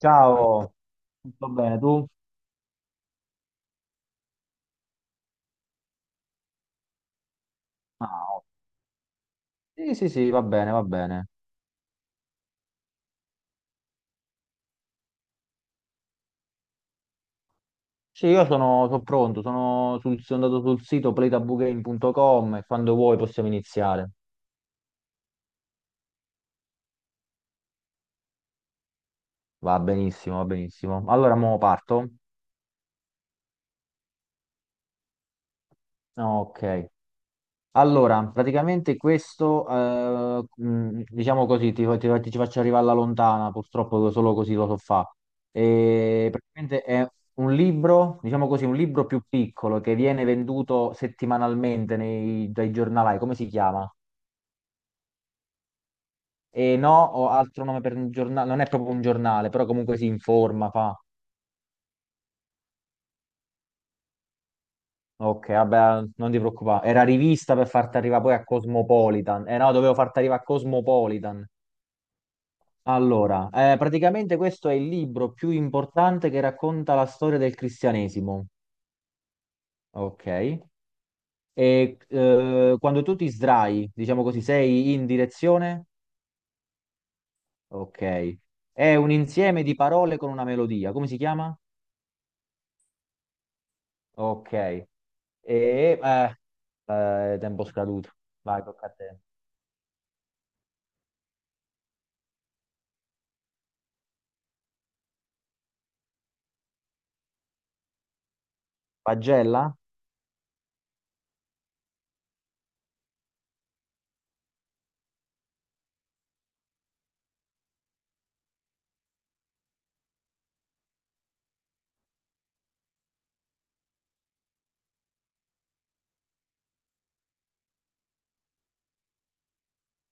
Ciao, tutto bene tu? Ah, oh. Sì, sì, sì, va bene, va bene. Sì, io sono pronto, sono andato sul sito playtabugame.com e quando vuoi possiamo iniziare. Va benissimo, va benissimo. Allora, mo parto? Ok. Allora, praticamente questo, diciamo così, ti faccio arrivare alla lontana, purtroppo solo così lo so fa. E praticamente è un libro, diciamo così, un libro più piccolo che viene venduto settimanalmente dai giornalai, come si chiama? E no, ho altro nome per un giornale, non è proprio un giornale, però comunque si informa, fa. Ok, vabbè, non ti preoccupare. Era rivista per farti arrivare poi a Cosmopolitan. Eh no, dovevo farti arrivare a Cosmopolitan. Allora, praticamente questo è il libro più importante che racconta la storia del cristianesimo, ok? E quando tu ti sdrai, diciamo così, sei in direzione, ok? È un insieme di parole con una melodia, come si chiama? Ok. E, eh, tempo scaduto, vai, tocca a te. Pagella?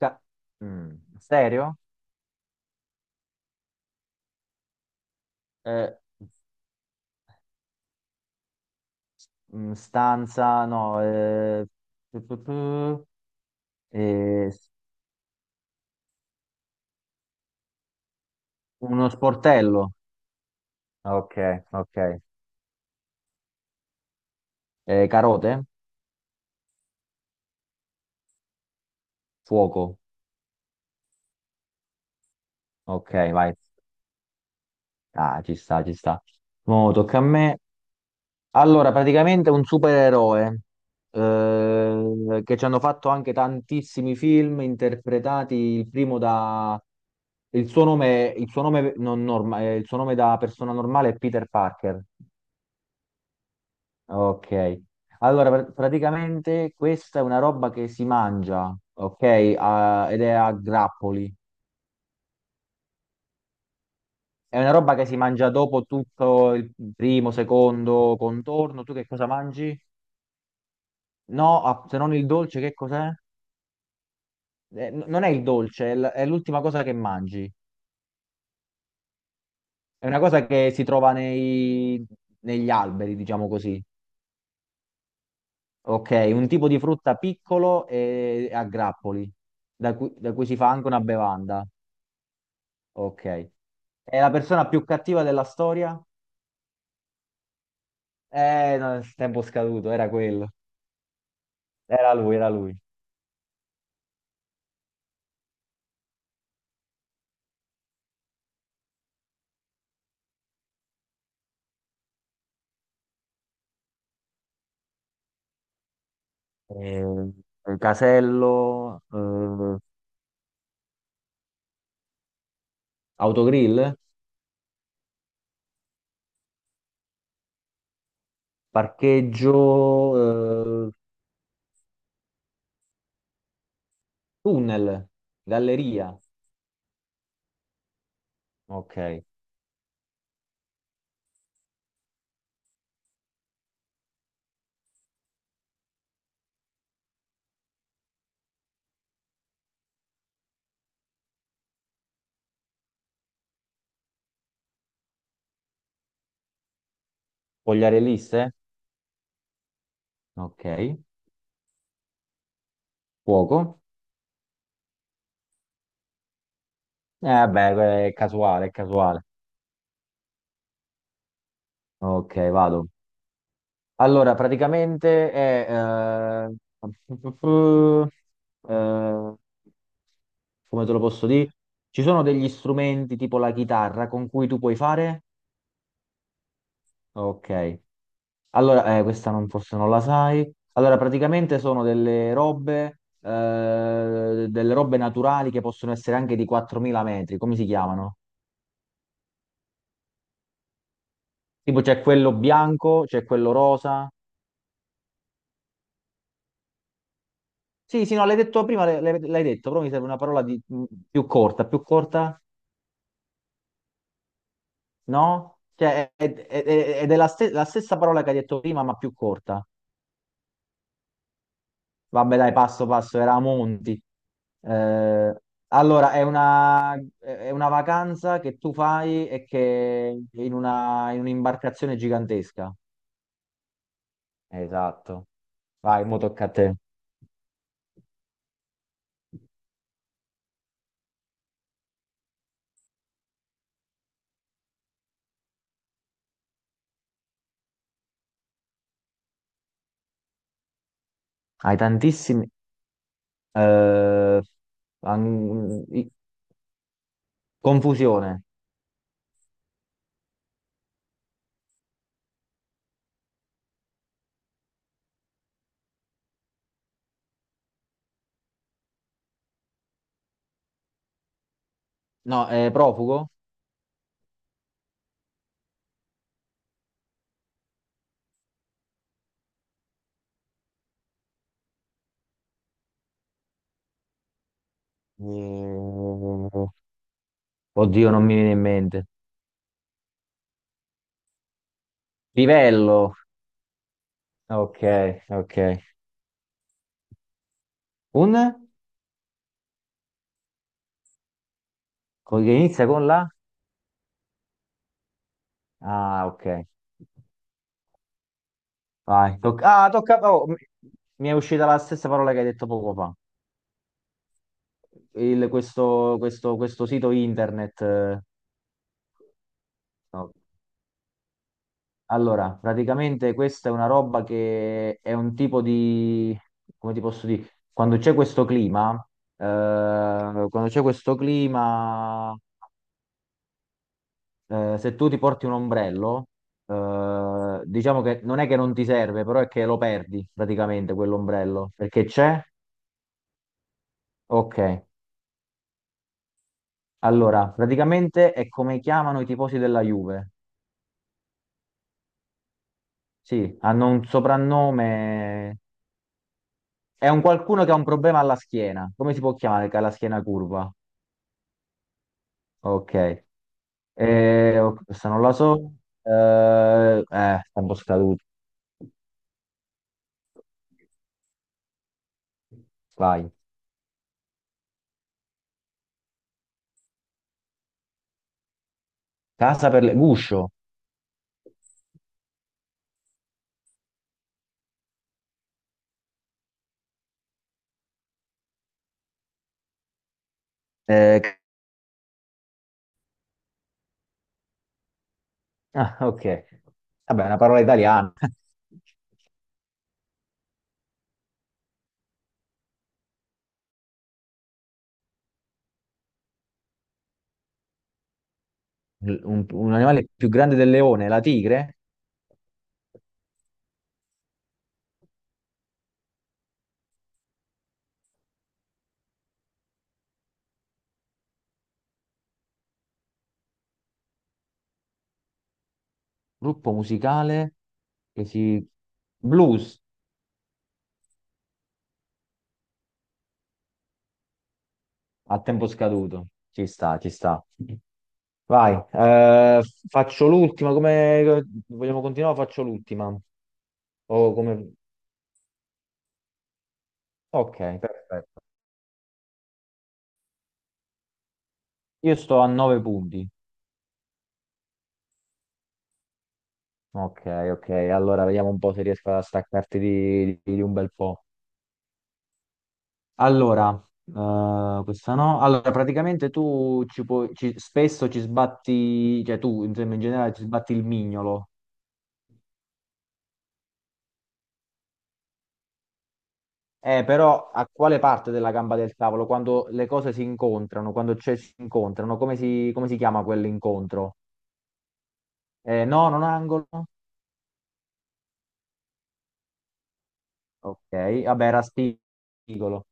Ca- mm, Stereo? Eh, Stanza? No, tu. Eh, Uno sportello. Ok, ok. Carote? Fuoco. Ok, vai. Ah, ci sta, ci sta. Mo tocca a me. Allora, praticamente un supereroe, che ci hanno fatto anche tantissimi film interpretati. Il primo da. Il suo nome non norma- Il suo nome da persona normale è Peter Parker. Ok. Allora, praticamente questa è una roba che si mangia, ok? Ah, ed è a grappoli. È una roba che si mangia dopo tutto il primo, secondo contorno. Tu che cosa mangi? No, ah, se non il dolce, che cos'è? Non è il dolce, è l'ultima cosa che mangi. È una cosa che si trova negli alberi, diciamo così. Ok, un tipo di frutta piccolo e a grappoli, da cui si fa anche una bevanda. Ok. È la persona più cattiva della storia? No, tempo scaduto, era quello. Era lui, era lui. eh, Casello, autogrill, parcheggio, tunnel, galleria. Ok, Pogliarelliste. Ok, fuoco. Eh vabbè, è casuale, è casuale. Ok, vado. Allora, praticamente è, eh, come te lo posso dire? Ci sono degli strumenti tipo la chitarra con cui tu puoi fare? Ok. Allora, questa non forse non la sai. Allora, praticamente sono delle robe naturali che possono essere anche di 4.000 metri. Come si chiamano? Tipo c'è quello bianco, c'è quello rosa. Sì, sì, no, l'hai detto prima, l'hai detto, però mi serve una parola più corta, no? Cioè, la stessa parola che hai detto prima, ma più corta. Vabbè, dai, passo passo, era a Monti. Eh, allora, è una vacanza che tu fai e che in un'imbarcazione gigantesca. Esatto. Vai, mo tocca a te. Hai tantissimi, eh, an- i- confusione. No, è profugo? Mm, Oddio, non mi viene in mente. Livello. Ok, ok. Un? Che inizia con la. Ah, ok. Vai, ah, tocca. Oh, mi è uscita la stessa parola che hai detto poco fa. Questo sito internet. Eh, no. Allora, praticamente questa è una roba che è un tipo di. Come ti posso dire? Quando c'è questo clima, se tu ti porti un ombrello, diciamo che non è che non ti serve, però è che lo perdi praticamente quell'ombrello perché c'è. Ok. Allora, praticamente è come chiamano i tifosi della Juve. Sì, hanno un soprannome. È un qualcuno che ha un problema alla schiena. Come si può chiamare che ha la schiena curva? Ok. Oh, questa non la so. Eh, Sta un po' scaduto. Vai. Casa per le, guscio. Eh, ah, ok. Vabbè, è una parola italiana. Un animale più grande del leone, la tigre? Gruppo musicale che si. Blues a tempo scaduto. Ci sta, ci sta. Vai, faccio l'ultima. Come vogliamo continuare? Faccio l'ultima. O come. Ok, perfetto. Io sto a 9 punti. Ok, ok. Allora vediamo un po' se riesco a staccarti di un bel po'. Allora, questa no. Allora, praticamente tu spesso ci sbatti, cioè tu insomma, in generale ci sbatti il mignolo. Però a quale parte della gamba del tavolo? Quando le cose si incontrano, si incontrano, come si chiama quell'incontro? No, non angolo? Ok, vabbè, era spigolo.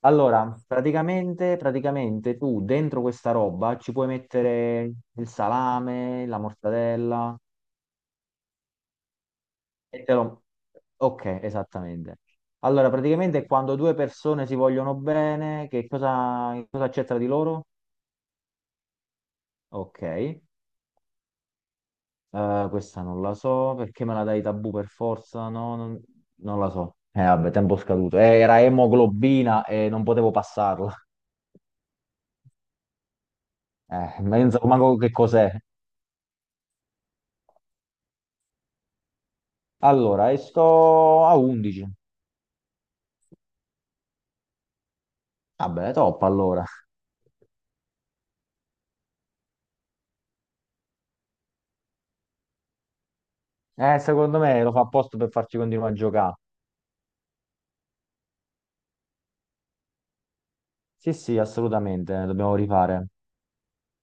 Allora, praticamente tu dentro questa roba ci puoi mettere il salame, la mortadella e te lo. Ok, esattamente. Allora, praticamente quando due persone si vogliono bene, che cosa c'è tra di loro? Ok. Questa non la so, perché me la dai tabù per forza? No, non la so. Vabbè, tempo scaduto. Era emoglobina e non potevo passarla. Menzo, manco che cos'è. Allora, esco a 11. Vabbè, top allora. Secondo me lo fa apposta per farci continuare a giocare. Sì, sì, assolutamente, dobbiamo rifare.